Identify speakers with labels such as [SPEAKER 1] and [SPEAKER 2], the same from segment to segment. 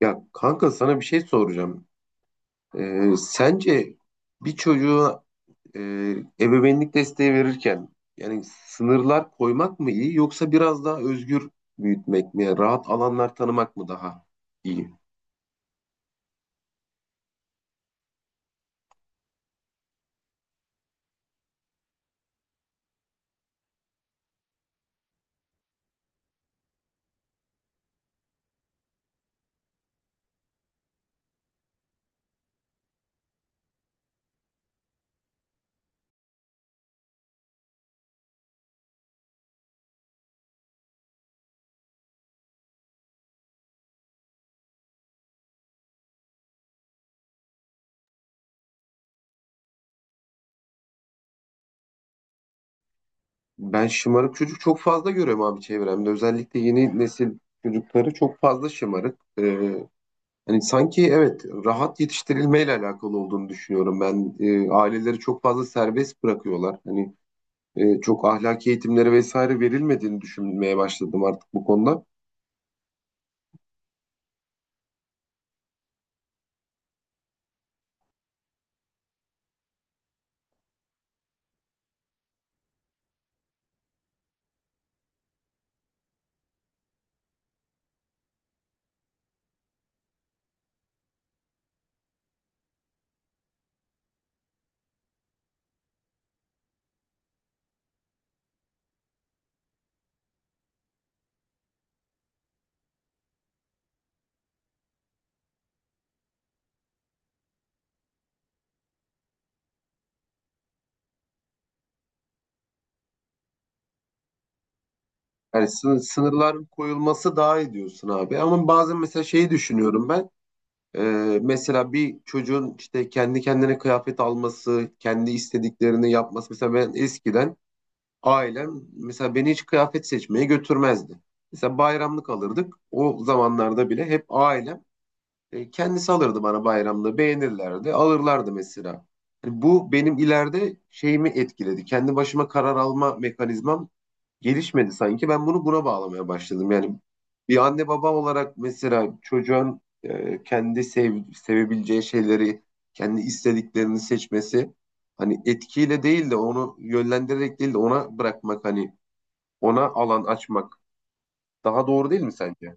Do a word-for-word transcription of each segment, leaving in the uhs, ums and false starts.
[SPEAKER 1] Ya kanka sana bir şey soracağım. Ee, sence bir çocuğa e, ebeveynlik desteği verirken yani sınırlar koymak mı iyi yoksa biraz daha özgür büyütmek mi? Yani rahat alanlar tanımak mı daha iyi? Ben şımarık çocuk çok fazla görüyorum abi çevremde. Özellikle yeni nesil çocukları çok fazla şımarık. Ee, hani sanki evet rahat yetiştirilmeyle alakalı olduğunu düşünüyorum. Ben e, aileleri çok fazla serbest bırakıyorlar. Hani e, çok ahlaki eğitimleri vesaire verilmediğini düşünmeye başladım artık bu konuda. Yani sın- sınırların koyulması daha iyi diyorsun abi. Ama bazen mesela şeyi düşünüyorum ben. E, Mesela bir çocuğun işte kendi kendine kıyafet alması, kendi istediklerini yapması. Mesela ben eskiden ailem mesela beni hiç kıyafet seçmeye götürmezdi. Mesela bayramlık alırdık. O zamanlarda bile hep ailem E, kendisi alırdı bana bayramda beğenirlerdi alırlardı mesela. Hani bu benim ileride şeyimi etkiledi. Kendi başıma karar alma mekanizmam gelişmedi sanki. Ben bunu buna bağlamaya başladım. Yani bir anne baba olarak mesela çocuğun e, kendi sev, sevebileceği şeyleri, kendi istediklerini seçmesi hani etkiyle değil de onu yönlendirerek değil de ona bırakmak hani ona alan açmak daha doğru değil mi sence?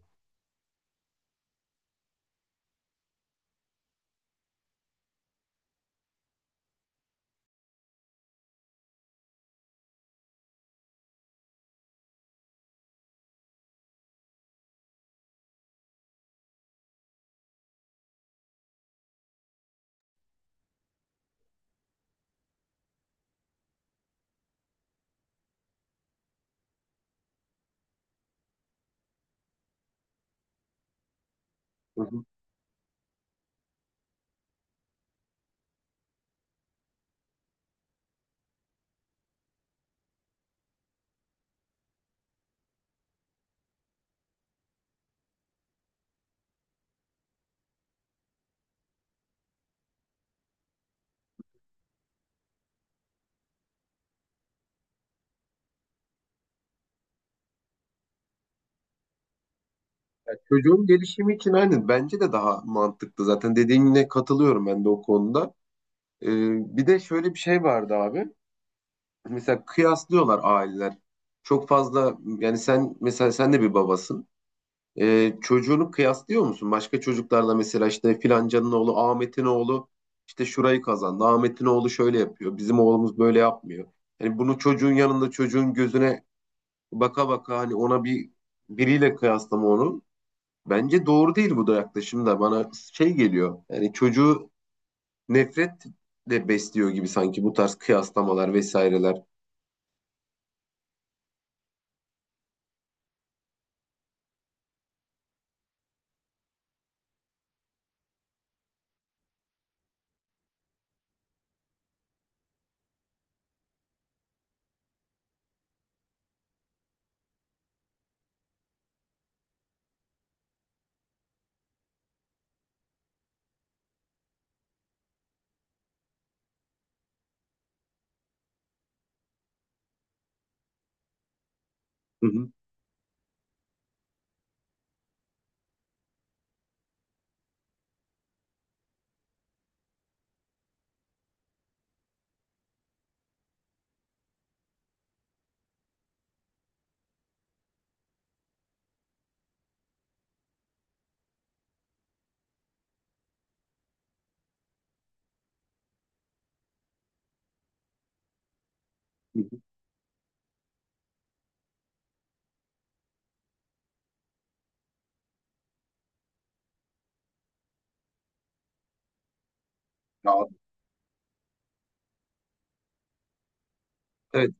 [SPEAKER 1] Çocuğun gelişimi için aynen bence de daha mantıklı zaten dediğine katılıyorum ben de o konuda. Ee, Bir de şöyle bir şey vardı abi. Mesela kıyaslıyorlar aileler. Çok fazla yani sen mesela sen de bir babasın. Ee, çocuğunu kıyaslıyor musun? Başka çocuklarla mesela işte filancanın oğlu Ahmet'in oğlu işte şurayı kazandı. Ahmet'in oğlu şöyle yapıyor. Bizim oğlumuz böyle yapmıyor. Yani bunu çocuğun yanında çocuğun gözüne baka baka hani ona bir biriyle kıyaslama onu. Bence doğru değil bu da yaklaşım da bana şey geliyor. Yani çocuğu nefret de besliyor gibi sanki bu tarz kıyaslamalar vesaireler. Hı hı, hı hı. Ya, evet.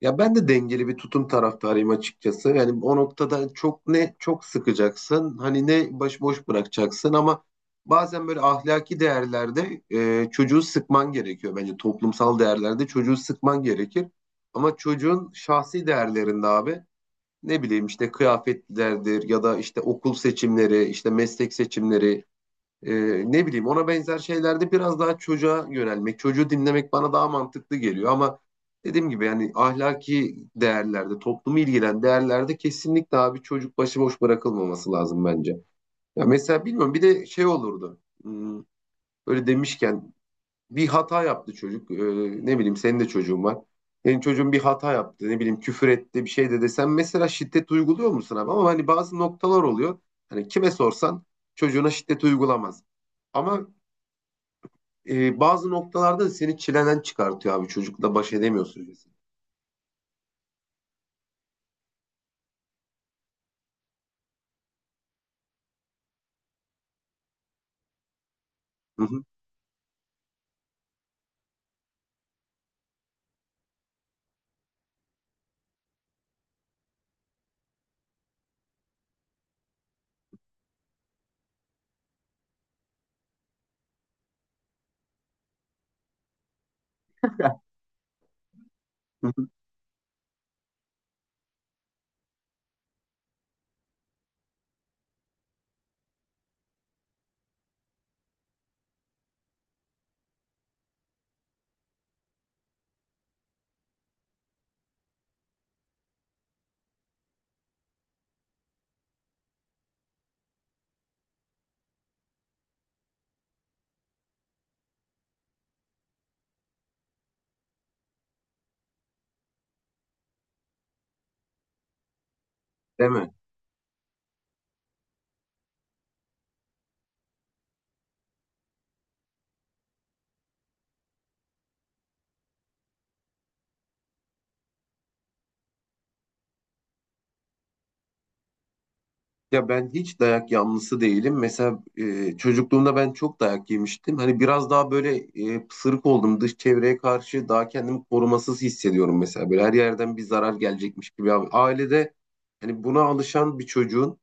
[SPEAKER 1] Ya ben de dengeli bir tutum taraftarıyım açıkçası. Yani o noktada çok ne çok sıkacaksın, hani ne başıboş bırakacaksın ama bazen böyle ahlaki değerlerde e, çocuğu sıkman gerekiyor. Bence toplumsal değerlerde çocuğu sıkman gerekir. Ama çocuğun şahsi değerlerinde abi ne bileyim işte kıyafetlerdir ya da işte okul seçimleri, işte meslek seçimleri, e, ne bileyim ona benzer şeylerde biraz daha çocuğa yönelmek, çocuğu dinlemek bana daha mantıklı geliyor ama dediğim gibi yani ahlaki değerlerde, toplumu ilgilen değerlerde kesinlikle abi çocuk başıboş bırakılmaması lazım bence. Ya mesela bilmiyorum bir de şey olurdu. Hmm, Böyle demişken bir hata yaptı çocuk. Ee, ne bileyim senin de çocuğun var. Senin çocuğun bir hata yaptı. Ne bileyim küfür etti bir şey dedi. Sen mesela şiddet uyguluyor musun abi? Ama hani bazı noktalar oluyor. Hani kime sorsan çocuğuna şiddet uygulamaz. Ama e, bazı noktalarda da seni çileden çıkartıyor abi. Çocukla baş edemiyorsun. Hı hı, hı hı. Değil mi? Ya ben hiç dayak yanlısı değilim. Mesela e, çocukluğumda ben çok dayak yemiştim. Hani biraz daha böyle e, pısırık oldum. Dış çevreye karşı daha kendimi korumasız hissediyorum mesela. Böyle her yerden bir zarar gelecekmiş gibi. Abi. Ailede hani buna alışan bir çocuğun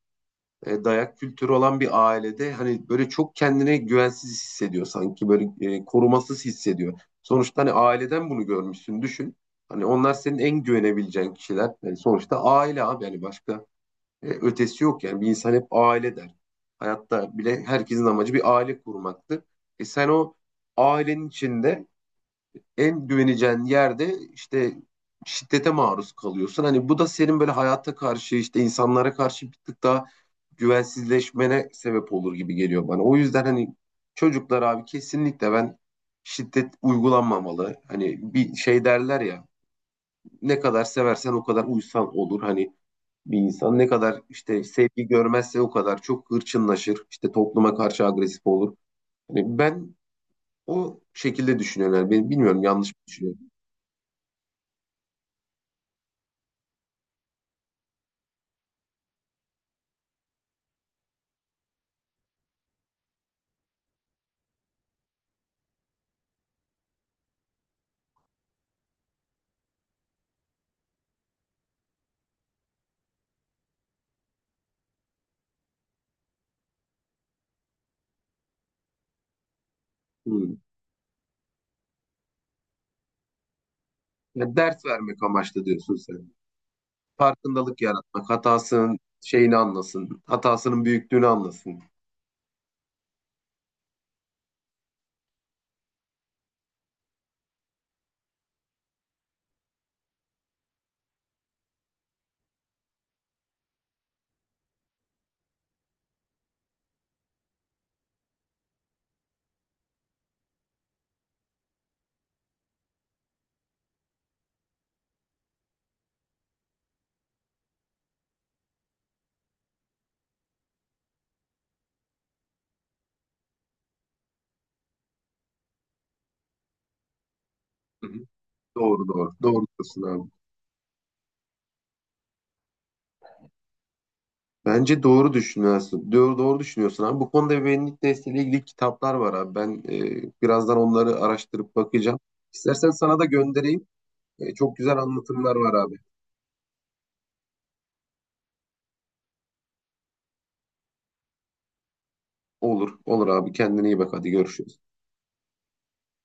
[SPEAKER 1] e, dayak kültürü olan bir ailede hani böyle çok kendine güvensiz hissediyor sanki. Böyle e, korumasız hissediyor. Sonuçta hani aileden bunu görmüşsün düşün. Hani onlar senin en güvenebileceğin kişiler. Yani sonuçta aile abi yani başka e, ötesi yok yani bir insan hep aile der. Hayatta bile herkesin amacı bir aile kurmaktır. E sen o ailenin içinde en güveneceğin yerde işte şiddete maruz kalıyorsun. Hani bu da senin böyle hayata karşı işte insanlara karşı bir tık daha güvensizleşmene sebep olur gibi geliyor bana. O yüzden hani çocuklar abi kesinlikle ben şiddet uygulanmamalı. Hani bir şey derler ya ne kadar seversen o kadar uysan olur. Hani bir insan ne kadar işte sevgi görmezse o kadar çok hırçınlaşır. İşte topluma karşı agresif olur. Hani ben o şekilde düşünüyorum. Yani ben bilmiyorum yanlış mı düşünüyorum. Hmm. Yani ders vermek amaçlı diyorsun sen. Farkındalık yaratmak, hatasının şeyini anlasın, hatasının büyüklüğünü anlasın. Hı hı. Doğru doğru. Doğru diyorsun abi. Bence doğru düşünüyorsun. Doğru, doğru düşünüyorsun abi. Bu konuda ebeveynlik desteğiyle ilgili kitaplar var abi. Ben e, birazdan onları araştırıp bakacağım. İstersen sana da göndereyim. E, çok güzel anlatımlar var abi. Olur, olur abi. Kendine iyi bak. Hadi görüşürüz.